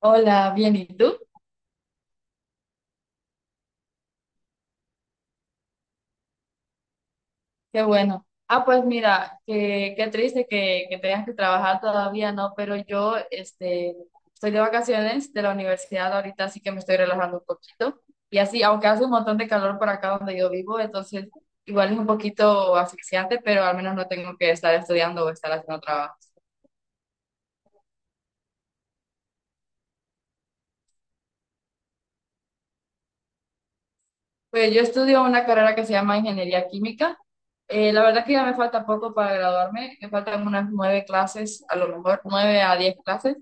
Hola, bien, ¿y tú? Qué bueno. Ah, pues mira, qué triste que tengas que trabajar todavía, ¿no? Pero yo, estoy de vacaciones de la universidad ahorita, así que me estoy relajando un poquito. Y así, aunque hace un montón de calor por acá donde yo vivo, entonces igual es un poquito asfixiante, pero al menos no tengo que estar estudiando o estar haciendo trabajo. Pues yo estudio una carrera que se llama Ingeniería Química. La verdad que ya me falta poco para graduarme, me faltan unas nueve clases, a lo mejor nueve a diez clases.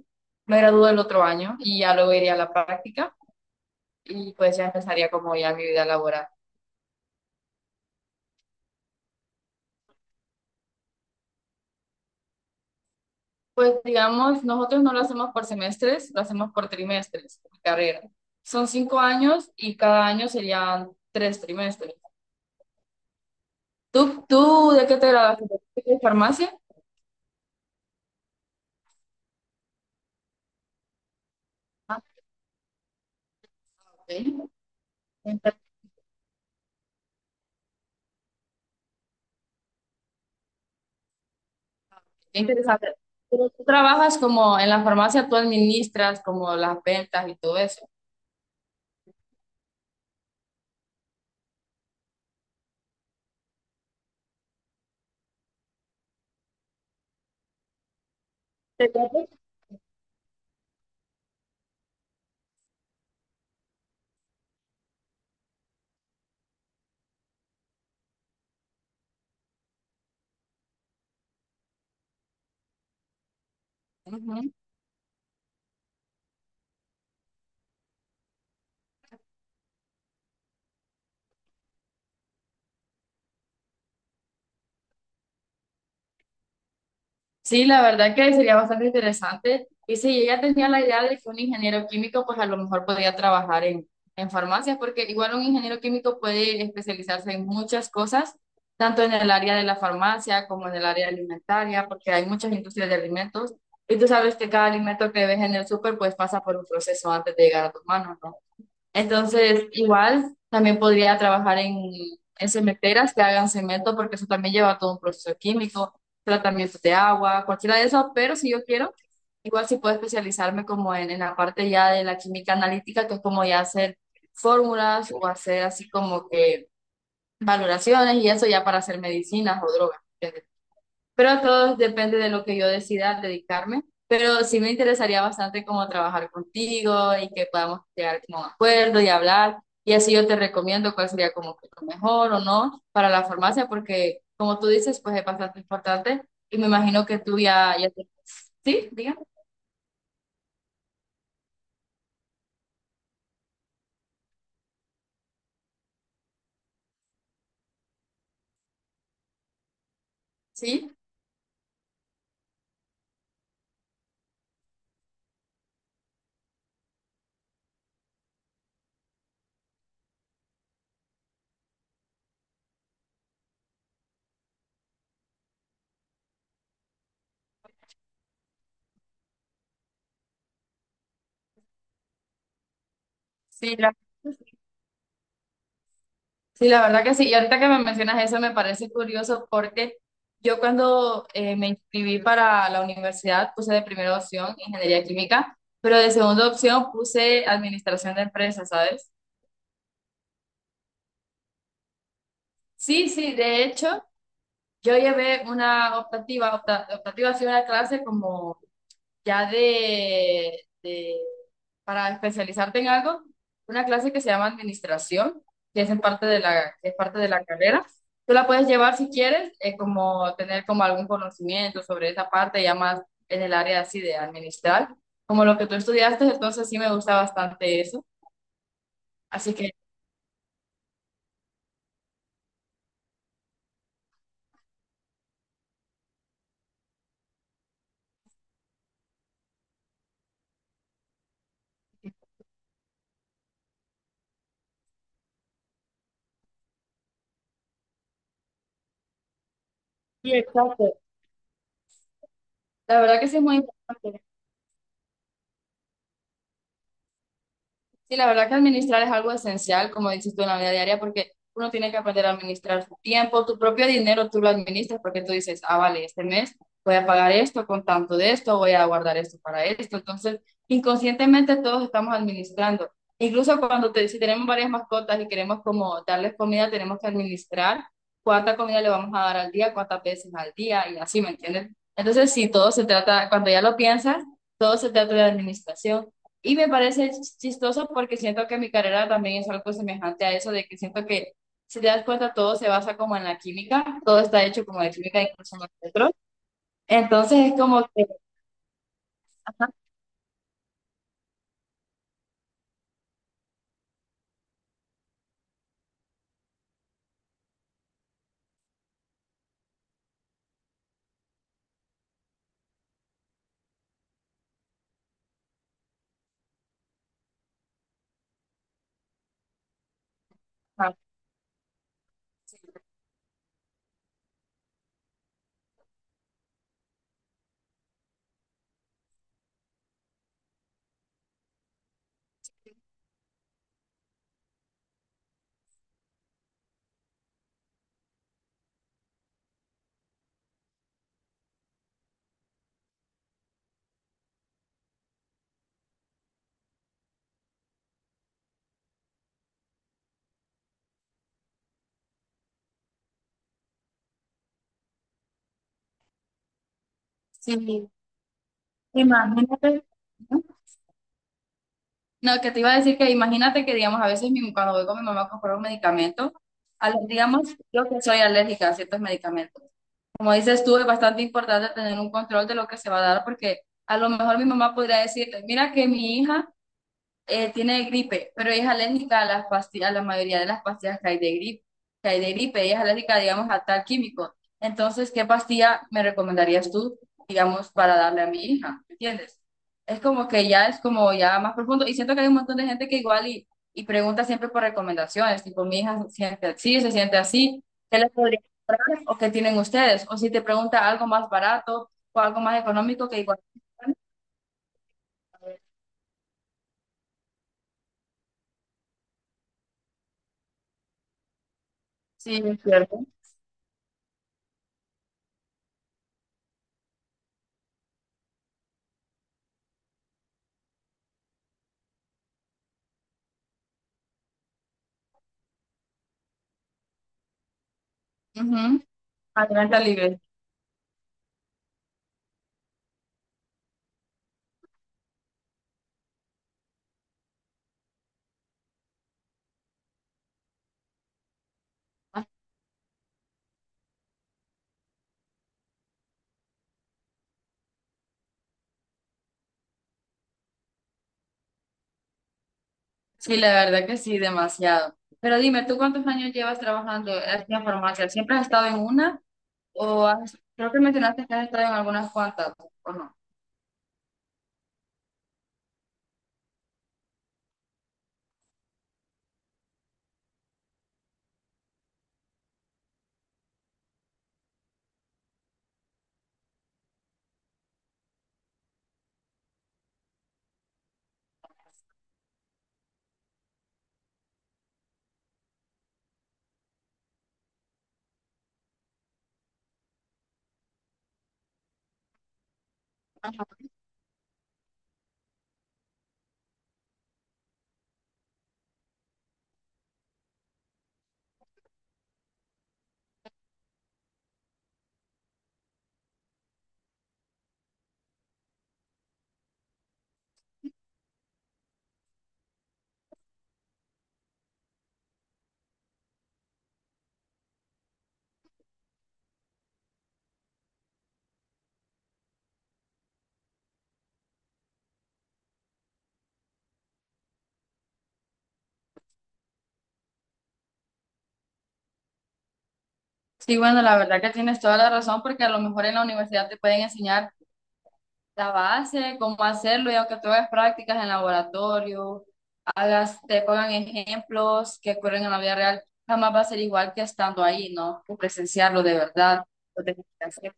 Me gradúo el otro año y ya luego iría a la práctica y pues ya empezaría como ya mi vida laboral. Pues digamos, nosotros no lo hacemos por semestres, lo hacemos por trimestres, mi carrera. Son 5 años y cada año serían 3 trimestres. ¿Tú de qué te graduaste? ¿De farmacia? Ah, ok. Qué interesante. Pero tú trabajas como en la farmacia, tú administras como las ventas y todo eso. Te cuento. Ujú. Sí, la verdad que sería bastante interesante. Y sí, ella tenía la idea de que un ingeniero químico, pues a lo mejor podía trabajar en farmacias, porque igual un ingeniero químico puede especializarse en muchas cosas, tanto en el área de la farmacia como en el área alimentaria, porque hay muchas industrias de alimentos. Y tú sabes que cada alimento que ves en el súper, pues pasa por un proceso antes de llegar a tus manos, ¿no? Entonces, igual también podría trabajar en cementeras que hagan cemento, porque eso también lleva todo un proceso químico, tratamiento de agua, cualquiera de eso, pero si yo quiero, igual sí puedo especializarme como en la parte ya de la química analítica, que es como ya hacer fórmulas o hacer así como que valoraciones y eso ya para hacer medicinas o drogas. Pero todo depende de lo que yo decida dedicarme. Pero sí me interesaría bastante como trabajar contigo y que podamos llegar como a un acuerdo y hablar. Y así yo te recomiendo cuál sería como que lo mejor o no para la farmacia, porque como tú dices, pues es bastante importante. Y me imagino que tú ya, ya te... Sí, diga. Sí, sí, gracias. Sí, la verdad que sí. Y ahorita que me mencionas eso me parece curioso porque yo cuando me inscribí para la universidad puse de primera opción ingeniería química, pero de segunda opción puse administración de empresas, ¿sabes? Sí, sí, de hecho, yo llevé una optativa, optativa ha sido una clase como ya de para especializarte en algo, una clase que se llama administración, que es en parte de que es parte de la carrera. Tú la puedes llevar si quieres, como tener como algún conocimiento sobre esa parte, ya más en el área así de administrar, como lo que tú estudiaste, entonces sí me gusta bastante eso. Así que... Sí, exacto. La verdad que sí es muy importante. Sí, la verdad que administrar es algo esencial, como dices tú, en la vida diaria, porque uno tiene que aprender a administrar su tiempo, tu propio dinero tú lo administras porque tú dices, ah, vale, este mes voy a pagar esto con tanto de esto, voy a guardar esto para esto. Entonces, inconscientemente todos estamos administrando. Incluso cuando te, si tenemos varias mascotas y queremos como darles comida, tenemos que administrar cuánta comida le vamos a dar al día, cuántas veces al día y así, ¿me entiendes? Entonces, sí, todo se trata, cuando ya lo piensas, todo se trata de administración. Y me parece chistoso porque siento que mi carrera también es algo semejante a eso, de que siento que, si te das cuenta, todo se basa como en la química, todo está hecho como de química, incluso nosotros. Entonces es como que, ajá, ajá, sí, imagínate, ¿no? No, que te iba a decir que imagínate que, digamos, a veces cuando voy con mi mamá a comprar un medicamento, digamos, yo que soy alérgica a ciertos medicamentos. Como dices tú, es bastante importante tener un control de lo que se va a dar porque a lo mejor mi mamá podría decirte, mira que mi hija tiene gripe, pero ella es alérgica a las pastillas, a la mayoría de las pastillas que hay de gripe, ella es alérgica, digamos, a tal químico. Entonces, ¿qué pastilla me recomendarías tú, digamos, para darle a mi hija? ¿Me ¿Entiendes? Es como que ya es como ya más profundo y siento que hay un montón de gente que igual y pregunta siempre por recomendaciones, tipo, mi hija se siente así, ¿qué les podría comprar o qué tienen ustedes? O si te pregunta algo más barato o algo más económico que igual. Sí, es cierto. Ujú. Alimenta libre. Sí, la verdad que sí, demasiado. Pero dime, ¿tú cuántos años llevas trabajando en la farmacia? ¿Siempre has estado en una o has, creo que mencionaste que has estado en algunas cuantas, ¿o no? Sí, bueno, la verdad que tienes toda la razón porque a lo mejor en la universidad te pueden enseñar la base, cómo hacerlo y aunque tú hagas prácticas en laboratorio, hagas, te pongan ejemplos que ocurren en la vida real, jamás va a ser igual que estando ahí, ¿no? Que presenciarlo de verdad. Lo tenés que hacer.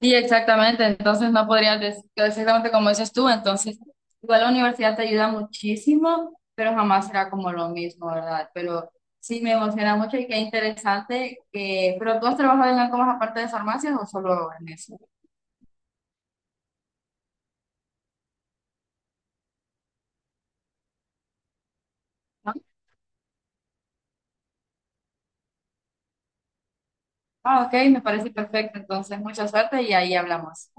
Sí, exactamente. Entonces no podrías decir exactamente como dices tú. Entonces, igual la universidad te ayuda muchísimo, pero jamás será como lo mismo, ¿verdad? Pero sí me emociona mucho y qué interesante que, pero tú has trabajado en algo más aparte de farmacias o solo en eso, ¿no? Ah, ok, me parece perfecto. Entonces, mucha suerte y ahí hablamos.